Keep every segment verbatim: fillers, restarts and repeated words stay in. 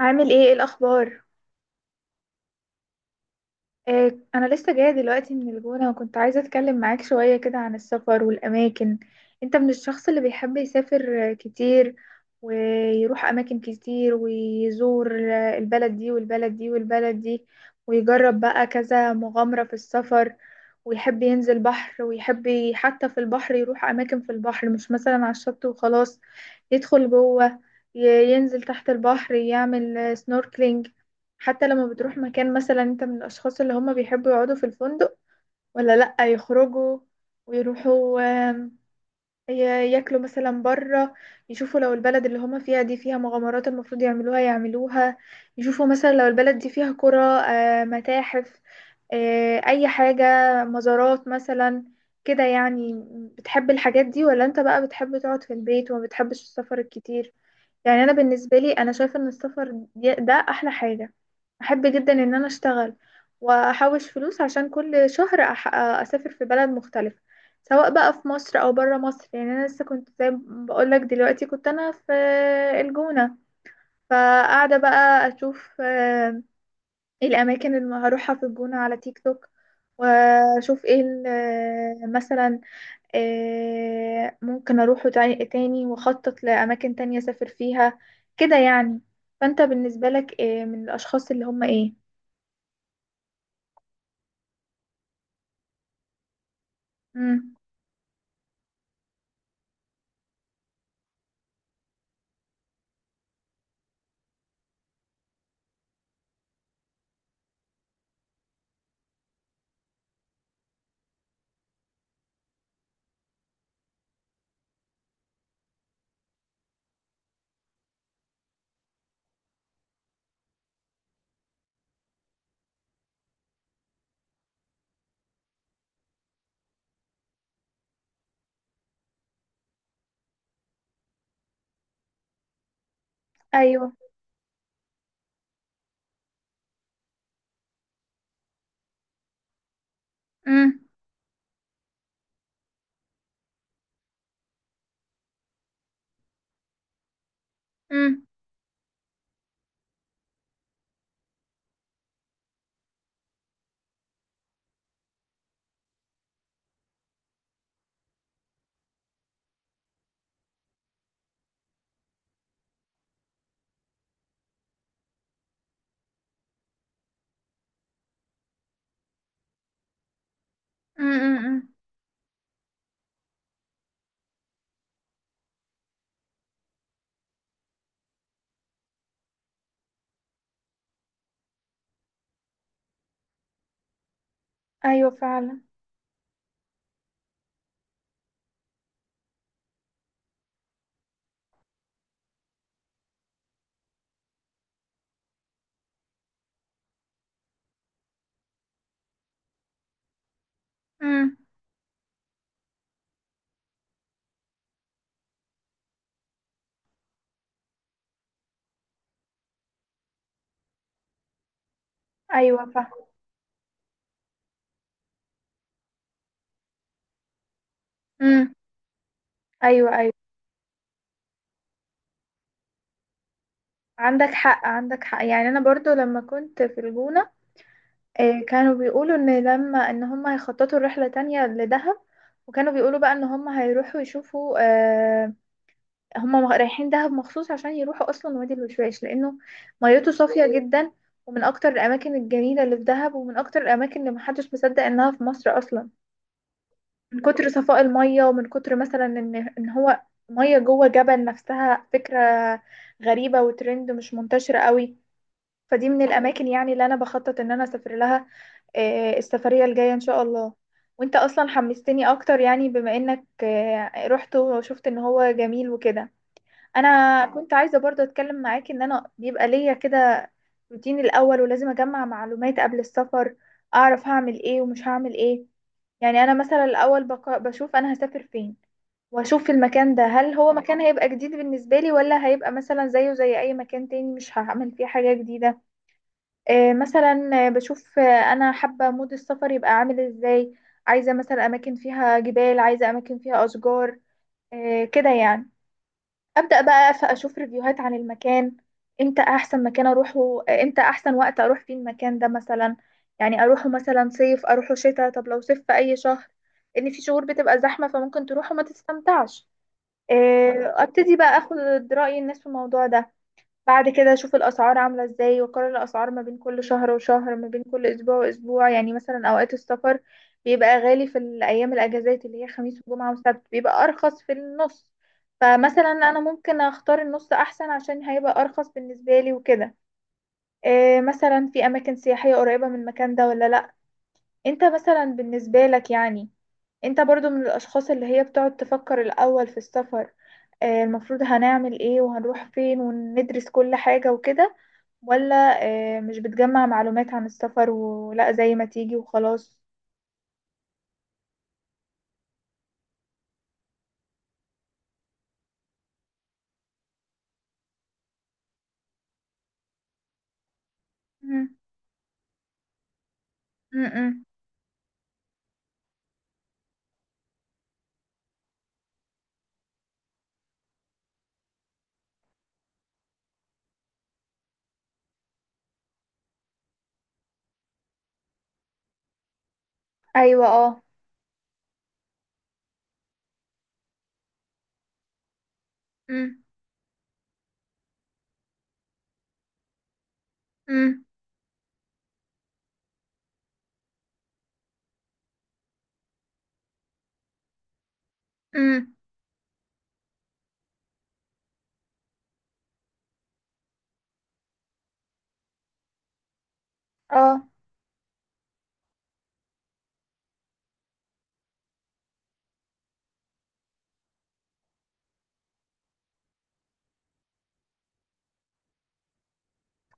عامل ايه ايه الاخبار؟ آه، انا لسه جايه دلوقتي من الجونه، وكنت عايزه اتكلم معاك شويه كده عن السفر والاماكن. انت من الشخص اللي بيحب يسافر آه، كتير، ويروح اماكن كتير، ويزور آه، البلد دي والبلد دي والبلد دي، ويجرب بقى كذا مغامره في السفر، ويحب ينزل بحر، ويحب ي- حتى في البحر يروح اماكن في البحر، مش مثلا على الشط وخلاص. يدخل جوه، ي- ينزل تحت البحر، يعمل سنوركلينج. حتى لما بتروح مكان، مثلا، انت من الاشخاص اللي هم بيحبوا يقعدوا في الفندق ولا لا؟ يخرجوا ويروحوا، آم، ي- ياكلوا مثلا بره، يشوفوا لو البلد اللي هم فيها دي فيها مغامرات المفروض يعملوها يعملوها، يشوفوا مثلا لو البلد دي فيها قرى، آه، متاحف، آه، اي حاجة، مزارات مثلا، كده يعني. بتحب الحاجات دي، ولا انت بقى بتحب تقعد في البيت وما بتحبش السفر الكتير؟ يعني انا بالنسبه لي، انا شايفه ان السفر دي- ده احلى حاجه. احب جدا ان انا اشتغل واحوش فلوس عشان كل شهر أح اسافر في بلد مختلفه، سواء بقى في مصر او بره مصر. يعني انا لسه كنت زي ما بقولك دلوقتي، كنت انا في الجونه، فقاعده بقى اشوف آه، ايه الاماكن اللي هروحها في الجونه على تيك توك، واشوف ايه ال- مثلا آه، ممكن أروحه تاني تاني، وأخطط لأماكن تانية أسافر فيها، كده يعني. فأنت بالنسبة لك آه، من الأشخاص اللي هم إيه؟ مم. أيوه. مم. مم. مم. مم. مم. أيوه فعلا. مم. أيوه فعلا. مم. أيوه أيوه. عندك حق عندك حق. يعني أنا برضو لما كنت في الجونة آه، كانوا بيقولوا إن لما إن هم هيخططوا رحلة تانية لدهب، وكانوا بيقولوا بقى إن هم هيروحوا يشوفوا، آه، هما مغ- رايحين دهب مخصوص عشان يروحوا اصلا وادي الوشواش، لانه ميته صافيه جدا، ومن اكتر الاماكن الجميله اللي في دهب، ومن اكتر الاماكن اللي محدش مصدق انها في مصر اصلا، من كتر صفاء الميه، ومن كتر مثلا ان ان هو ميه جوه جبل. نفسها فكره غريبه وترند مش منتشره قوي. فدي من الاماكن يعني اللي انا بخطط ان انا اسافر لها آه، السفريه الجايه ان شاء الله. وانت اصلا حمستني اكتر، يعني بما انك آه، رحت وشفت ان هو جميل وكده. انا كنت عايزه برضه اتكلم معاكي، ان انا بيبقى ليا كده روتيني الاول، ولازم اجمع معلومات قبل السفر، اعرف هعمل ايه ومش هعمل ايه. يعني انا مثلا الاول بق- بشوف انا هسافر فين، واشوف المكان ده هل هو مكان هيبقى جديد بالنسبه لي، ولا هيبقى مثلا زيه زي اي مكان تاني مش هعمل فيه حاجه جديده. آه، مثلا آه، بشوف آه، انا حابه مود السفر يبقى عامل ازاي. عايزه مثلا اماكن فيها جبال، عايزه اماكن فيها اشجار، آه، كده يعني. ابدا بقى ف- اشوف ريفيوهات عن المكان، امتى احسن مكان اروحه، امتى احسن وقت اروح فيه المكان ده مثلا. يعني اروحه مثلا صيف، اروحه شتاء، طب لو صيف في اي شهر؟ ان في شهور بتبقى زحمه، فممكن تروح وما تستمتعش. آه، ابتدي بقى اخد راي الناس في الموضوع ده. بعد كده اشوف الاسعار عامله ازاي، واقارن الاسعار ما بين كل شهر وشهر، ما بين كل اسبوع واسبوع. يعني مثلا اوقات السفر بيبقى غالي في الايام الاجازات اللي هي خميس وجمعه وسبت، بيبقى ارخص في النص. فمثلا انا ممكن اختار النص احسن، عشان هيبقى ارخص بالنسبه لي وكده. إيه، مثلا في اماكن سياحيه قريبه من المكان ده ولا لا؟ انت مثلا بالنسبه لك يعني، انت برضو من الاشخاص اللي هي بتقعد تفكر الاول في السفر؟ آه، المفروض هنعمل ايه وهنروح فين وندرس كل حاجة وكده؟ ولا آه، مش بتجمع معلومات عن السفر، ولا زي ما تيجي وخلاص؟ مم. مم. مم. ايوه اه. مم. مم. مم. اه.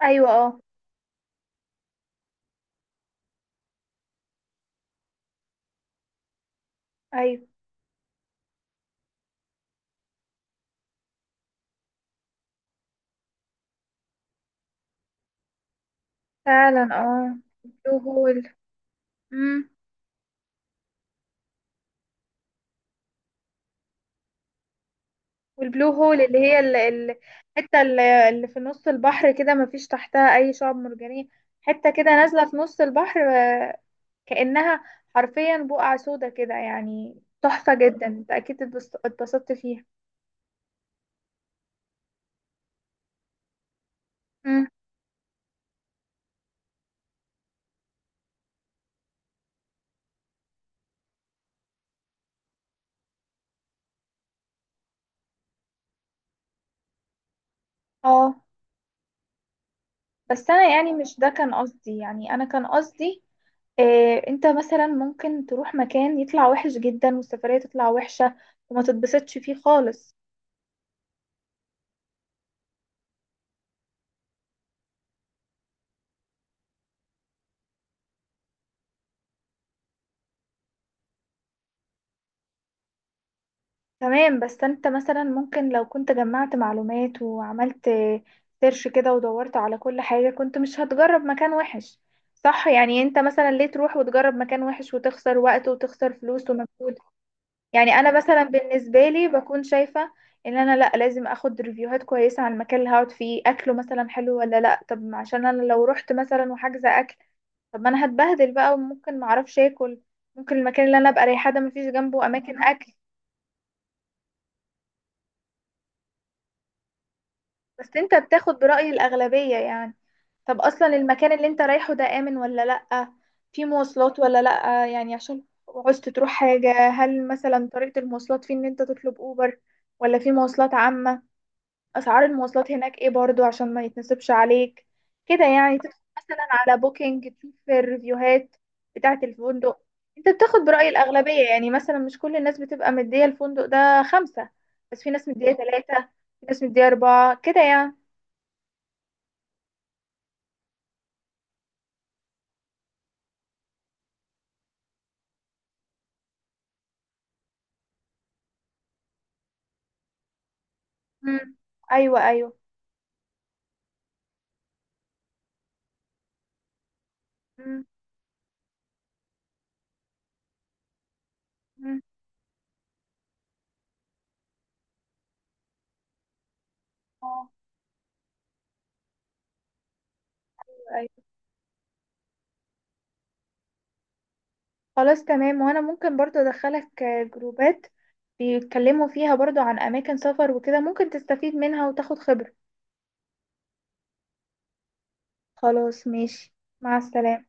ايوه اه. ايوه فعلا. اه. البلو هول. مم. والبلو هول اللي هي ال- ال- الحته اللي اللي في نص البحر كده، ما فيش تحتها اي شعب مرجانيه. حته كده نازله في نص البحر، آه، كأنها حرفيا بقعة سودا كده، يعني تحفة جدا. انت اكيد اتبسط- اتبسطت فيها. مم. اه. بس انا يعني مش ده كان قصدي، يعني انا كان قصدي إيه. انت مثلا ممكن تروح مكان يطلع وحش جدا، والسفرية تطلع وحشة وما تتبسطش فيه خالص. تمام، بس انت مثلا ممكن لو كنت جمعت معلومات وعملت سيرش كده، ودورت على كل حاجة، كنت مش هتجرب مكان وحش. صح؟ يعني انت مثلا ليه تروح وتجرب مكان وحش، وتخسر وقت وتخسر فلوس ومجهود؟ يعني انا مثلا بالنسبه لي بكون شايفه ان انا لا، لازم اخد ريفيوهات كويسه على المكان اللي هقعد فيه، اكله مثلا حلو ولا لا. طب، ما عشان انا لو رحت مثلا وحاجزه اكل، طب ما انا هتبهدل بقى، وممكن ما اعرفش اكل. ممكن المكان اللي انا ابقى رايحه ده مفيش جنبه اماكن اكل. بس انت بتاخد برأي الاغلبيه يعني. طب اصلا المكان اللي انت رايحه ده امن ولا لا؟ في مواصلات ولا لا، يعني عشان عوزت تروح حاجه، هل مثلا طريقه المواصلات فيه ان انت تطلب اوبر، ولا في مواصلات عامه؟ اسعار المواصلات هناك ايه، برضو عشان ما يتنسبش عليك. كده يعني تدخل مثلا على بوكينج تشوف الريفيوهات بتاعة الفندق. انت بتاخد برأي الأغلبية يعني؟ مثلا مش كل الناس بتبقى مدية الفندق ده خمسة، بس في ناس مدية ثلاثة، في ناس مدية أربعة، كده يعني. مم. أيوة أيوة. مم. مم. آه، أيوة. خلاص تمام. وأنا ممكن برضو أدخلك آه، جروبات بيتكلموا فيها برضو عن أماكن سفر وكده، ممكن تستفيد منها وتاخد خبرة. خلاص ماشي، مع السلامة.